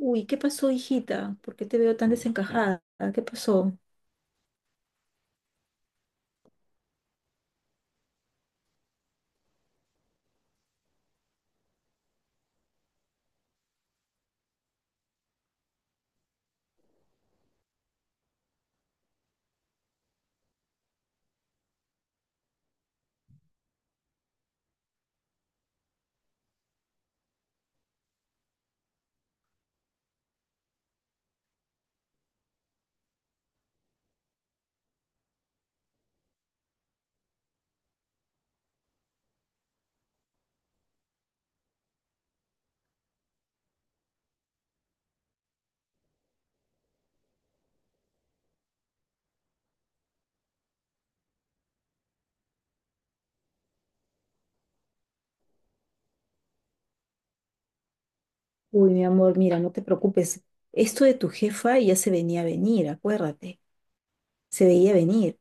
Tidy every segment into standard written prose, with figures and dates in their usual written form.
Uy, ¿qué pasó, hijita? ¿Por qué te veo tan desencajada? ¿Qué pasó? Uy, mi amor, mira, no te preocupes. Esto de tu jefa ya se venía a venir, acuérdate. Se veía venir.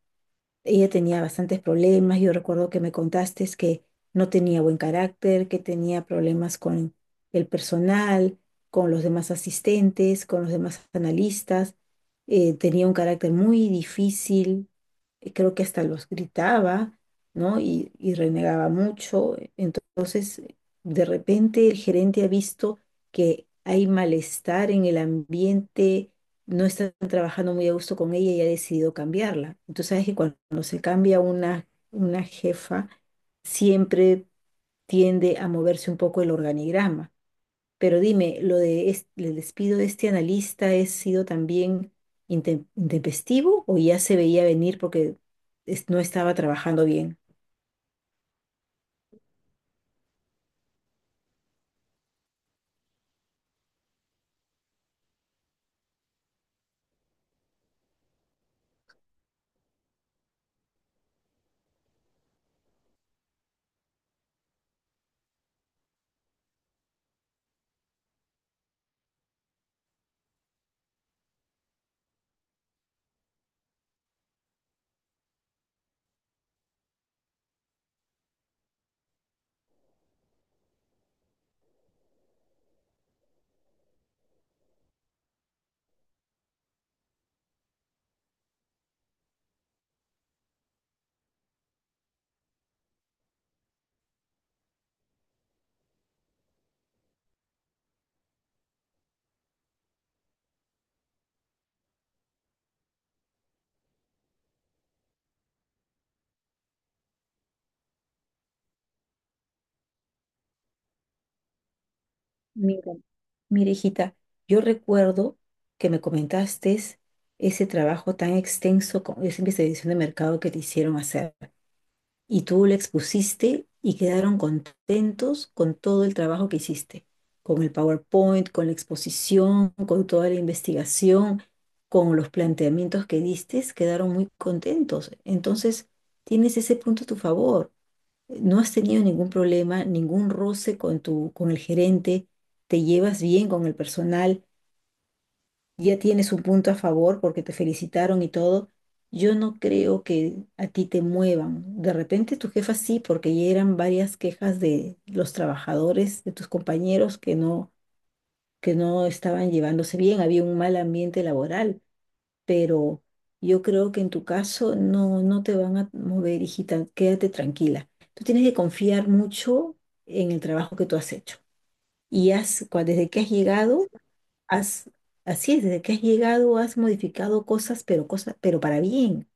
Ella tenía bastantes problemas. Yo recuerdo que me contaste es que no tenía buen carácter, que tenía problemas con el personal, con los demás asistentes, con los demás analistas. Tenía un carácter muy difícil. Creo que hasta los gritaba, ¿no? Y renegaba mucho. Entonces, de repente el gerente ha visto que hay malestar en el ambiente, no están trabajando muy a gusto con ella y ha decidido cambiarla. Entonces, sabes que cuando se cambia una jefa, siempre tiende a moverse un poco el organigrama. Pero dime, ¿lo de el despido de este analista ha sido también intempestivo o ya se veía venir porque no estaba trabajando bien? Mira, mira, hijita, yo recuerdo que me comentaste ese trabajo tan extenso con esa investigación de mercado que te hicieron hacer. Y tú la expusiste y quedaron contentos con todo el trabajo que hiciste, con el PowerPoint, con la exposición, con toda la investigación, con los planteamientos que diste, quedaron muy contentos. Entonces, tienes ese punto a tu favor. No has tenido ningún problema, ningún roce con tu, con el gerente, te llevas bien con el personal, ya tienes un punto a favor porque te felicitaron y todo, yo no creo que a ti te muevan. De repente tu jefa sí, porque ya eran varias quejas de los trabajadores, de tus compañeros que no estaban llevándose bien, había un mal ambiente laboral, pero yo creo que en tu caso no, no te van a mover, hijita, quédate tranquila. Tú tienes que confiar mucho en el trabajo que tú has hecho. Y has desde que has llegado, Has, así es, desde que has llegado has modificado cosas, pero para bien.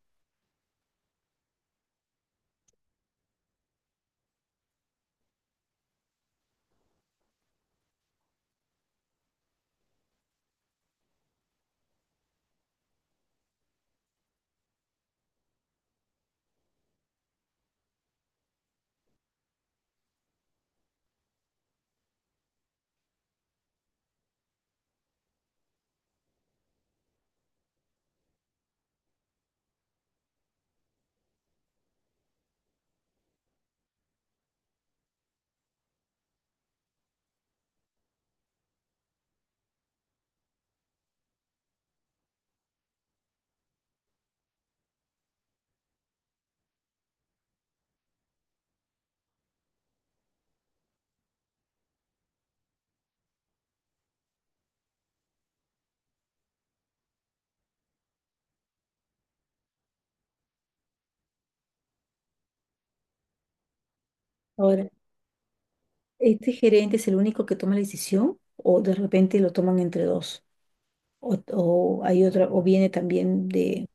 Ahora, ¿este gerente es el único que toma la decisión o de repente lo toman entre dos? O hay otra, o viene también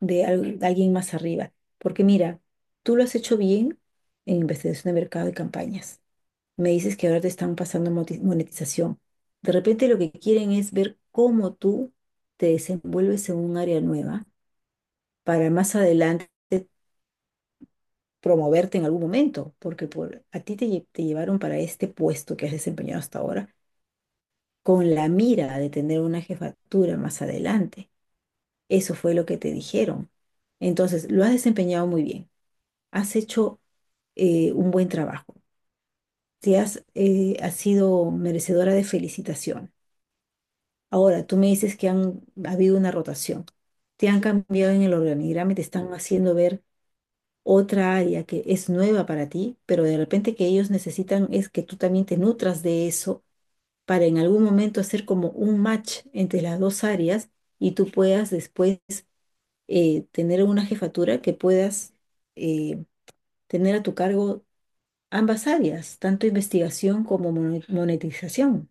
de de alguien más arriba. Porque mira, tú lo has hecho bien en investigación de mercado y campañas. Me dices que ahora te están pasando monetización. De repente lo que quieren es ver cómo tú te desenvuelves en un área nueva para más adelante promoverte en algún momento, porque por, a ti te, te llevaron para este puesto que has desempeñado hasta ahora con la mira de tener una jefatura más adelante. Eso fue lo que te dijeron. Entonces, lo has desempeñado muy bien, has hecho un buen trabajo, te has, has sido merecedora de felicitación. Ahora, tú me dices que han ha habido una rotación, te han cambiado en el organigrama y te están haciendo ver otra área que es nueva para ti, pero de repente que ellos necesitan es que tú también te nutras de eso para en algún momento hacer como un match entre las dos áreas y tú puedas después tener una jefatura que puedas eh, tener a tu cargo ambas áreas, tanto investigación como monetización.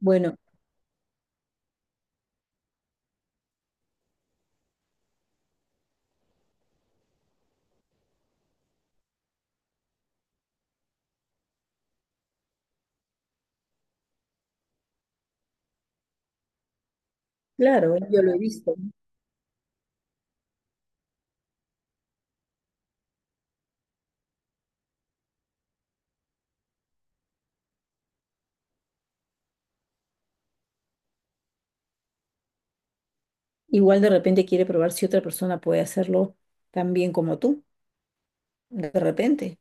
Bueno, claro, yo lo he visto. Igual de repente quiere probar si otra persona puede hacerlo tan bien como tú, de repente.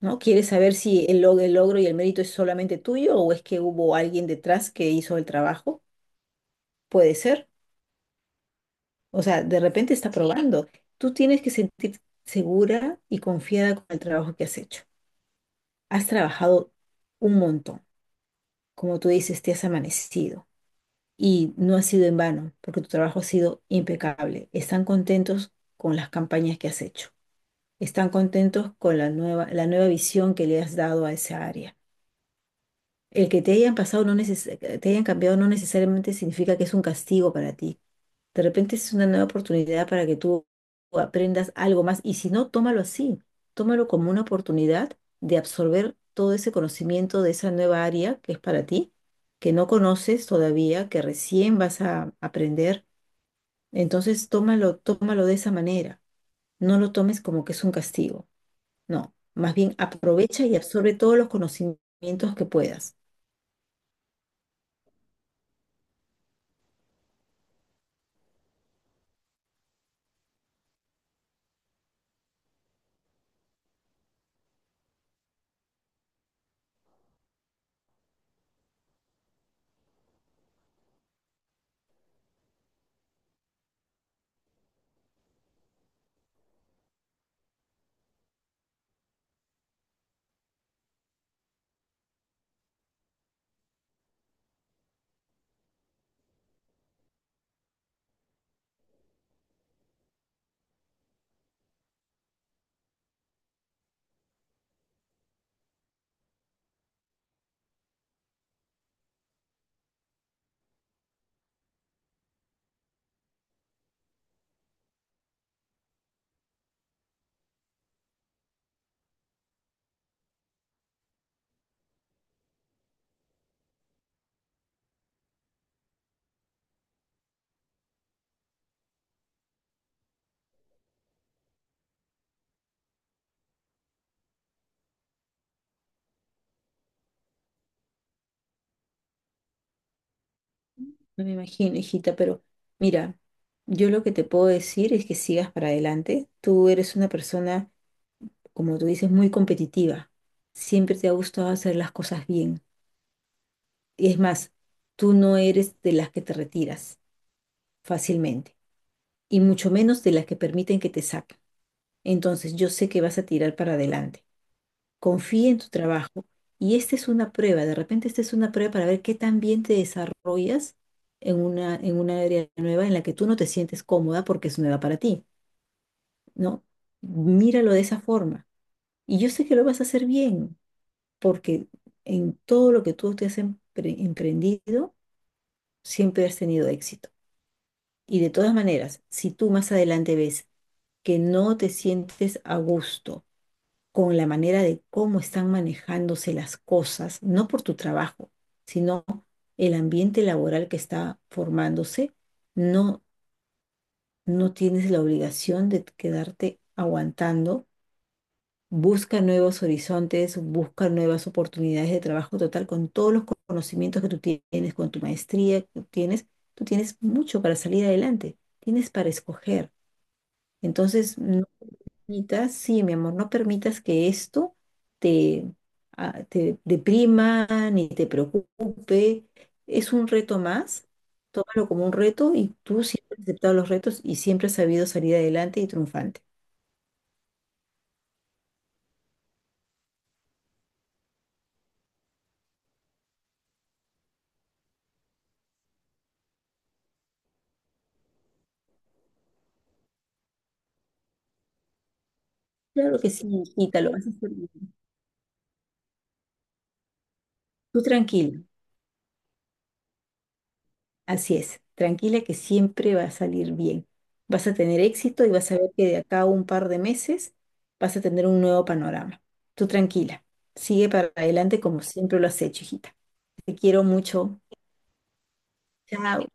¿No? Quiere saber si el, el logro y el mérito es solamente tuyo o es que hubo alguien detrás que hizo el trabajo. Puede ser. O sea, de repente está, sí, probando. Tú tienes que sentir segura y confiada con el trabajo que has hecho. Has trabajado un montón. Como tú dices, te has amanecido y no ha sido en vano porque tu trabajo ha sido impecable. Están contentos con las campañas que has hecho. Están contentos con la nueva visión que le has dado a esa área. El que te hayan pasado no neces- te hayan cambiado no necesariamente significa que es un castigo para ti. De repente es una nueva oportunidad para que tú aprendas algo más. Y si no, tómalo así. Tómalo como una oportunidad de absorber todo ese conocimiento de esa nueva área que es para ti, que no conoces todavía, que recién vas a aprender. Entonces, tómalo, tómalo de esa manera. No lo tomes como que es un castigo. No. Más bien, aprovecha y absorbe todos los conocimientos que puedas. No me imagino, hijita, pero mira, yo lo que te puedo decir es que sigas para adelante. Tú eres una persona, como tú dices, muy competitiva. Siempre te ha gustado hacer las cosas bien. Y es más, tú no eres de las que te retiras fácilmente y mucho menos de las que permiten que te saquen. Entonces, yo sé que vas a tirar para adelante. Confía en tu trabajo y esta es una prueba, de repente esta es una prueba para ver qué tan bien te desarrollas en una área nueva en la que tú no te sientes cómoda porque es nueva para ti, ¿no? Míralo de esa forma. Y yo sé que lo vas a hacer bien, porque en todo lo que tú te has emprendido, siempre has tenido éxito. Y de todas maneras, si tú más adelante ves que no te sientes a gusto, con la manera de cómo están manejándose las cosas, no por tu trabajo, sino el ambiente laboral que está formándose, no, no tienes la obligación de quedarte aguantando. Busca nuevos horizontes, busca nuevas oportunidades de trabajo total con todos los conocimientos que tú tienes, con tu maestría que tú tienes. Tú tienes mucho para salir adelante, tienes para escoger. Entonces, no, Anita, sí, mi amor, no permitas que esto te, te deprima ni te preocupe. Es un reto más. Tómalo como un reto y tú siempre has aceptado los retos y siempre has sabido salir adelante y triunfante. Claro que sí, hijita, lo vas a hacer bien. Tú tranquila, así es, tranquila que siempre va a salir bien. Vas a tener éxito y vas a ver que de acá a un par de meses vas a tener un nuevo panorama. Tú tranquila, sigue para adelante como siempre lo has hecho, hijita. Te quiero mucho. Chao.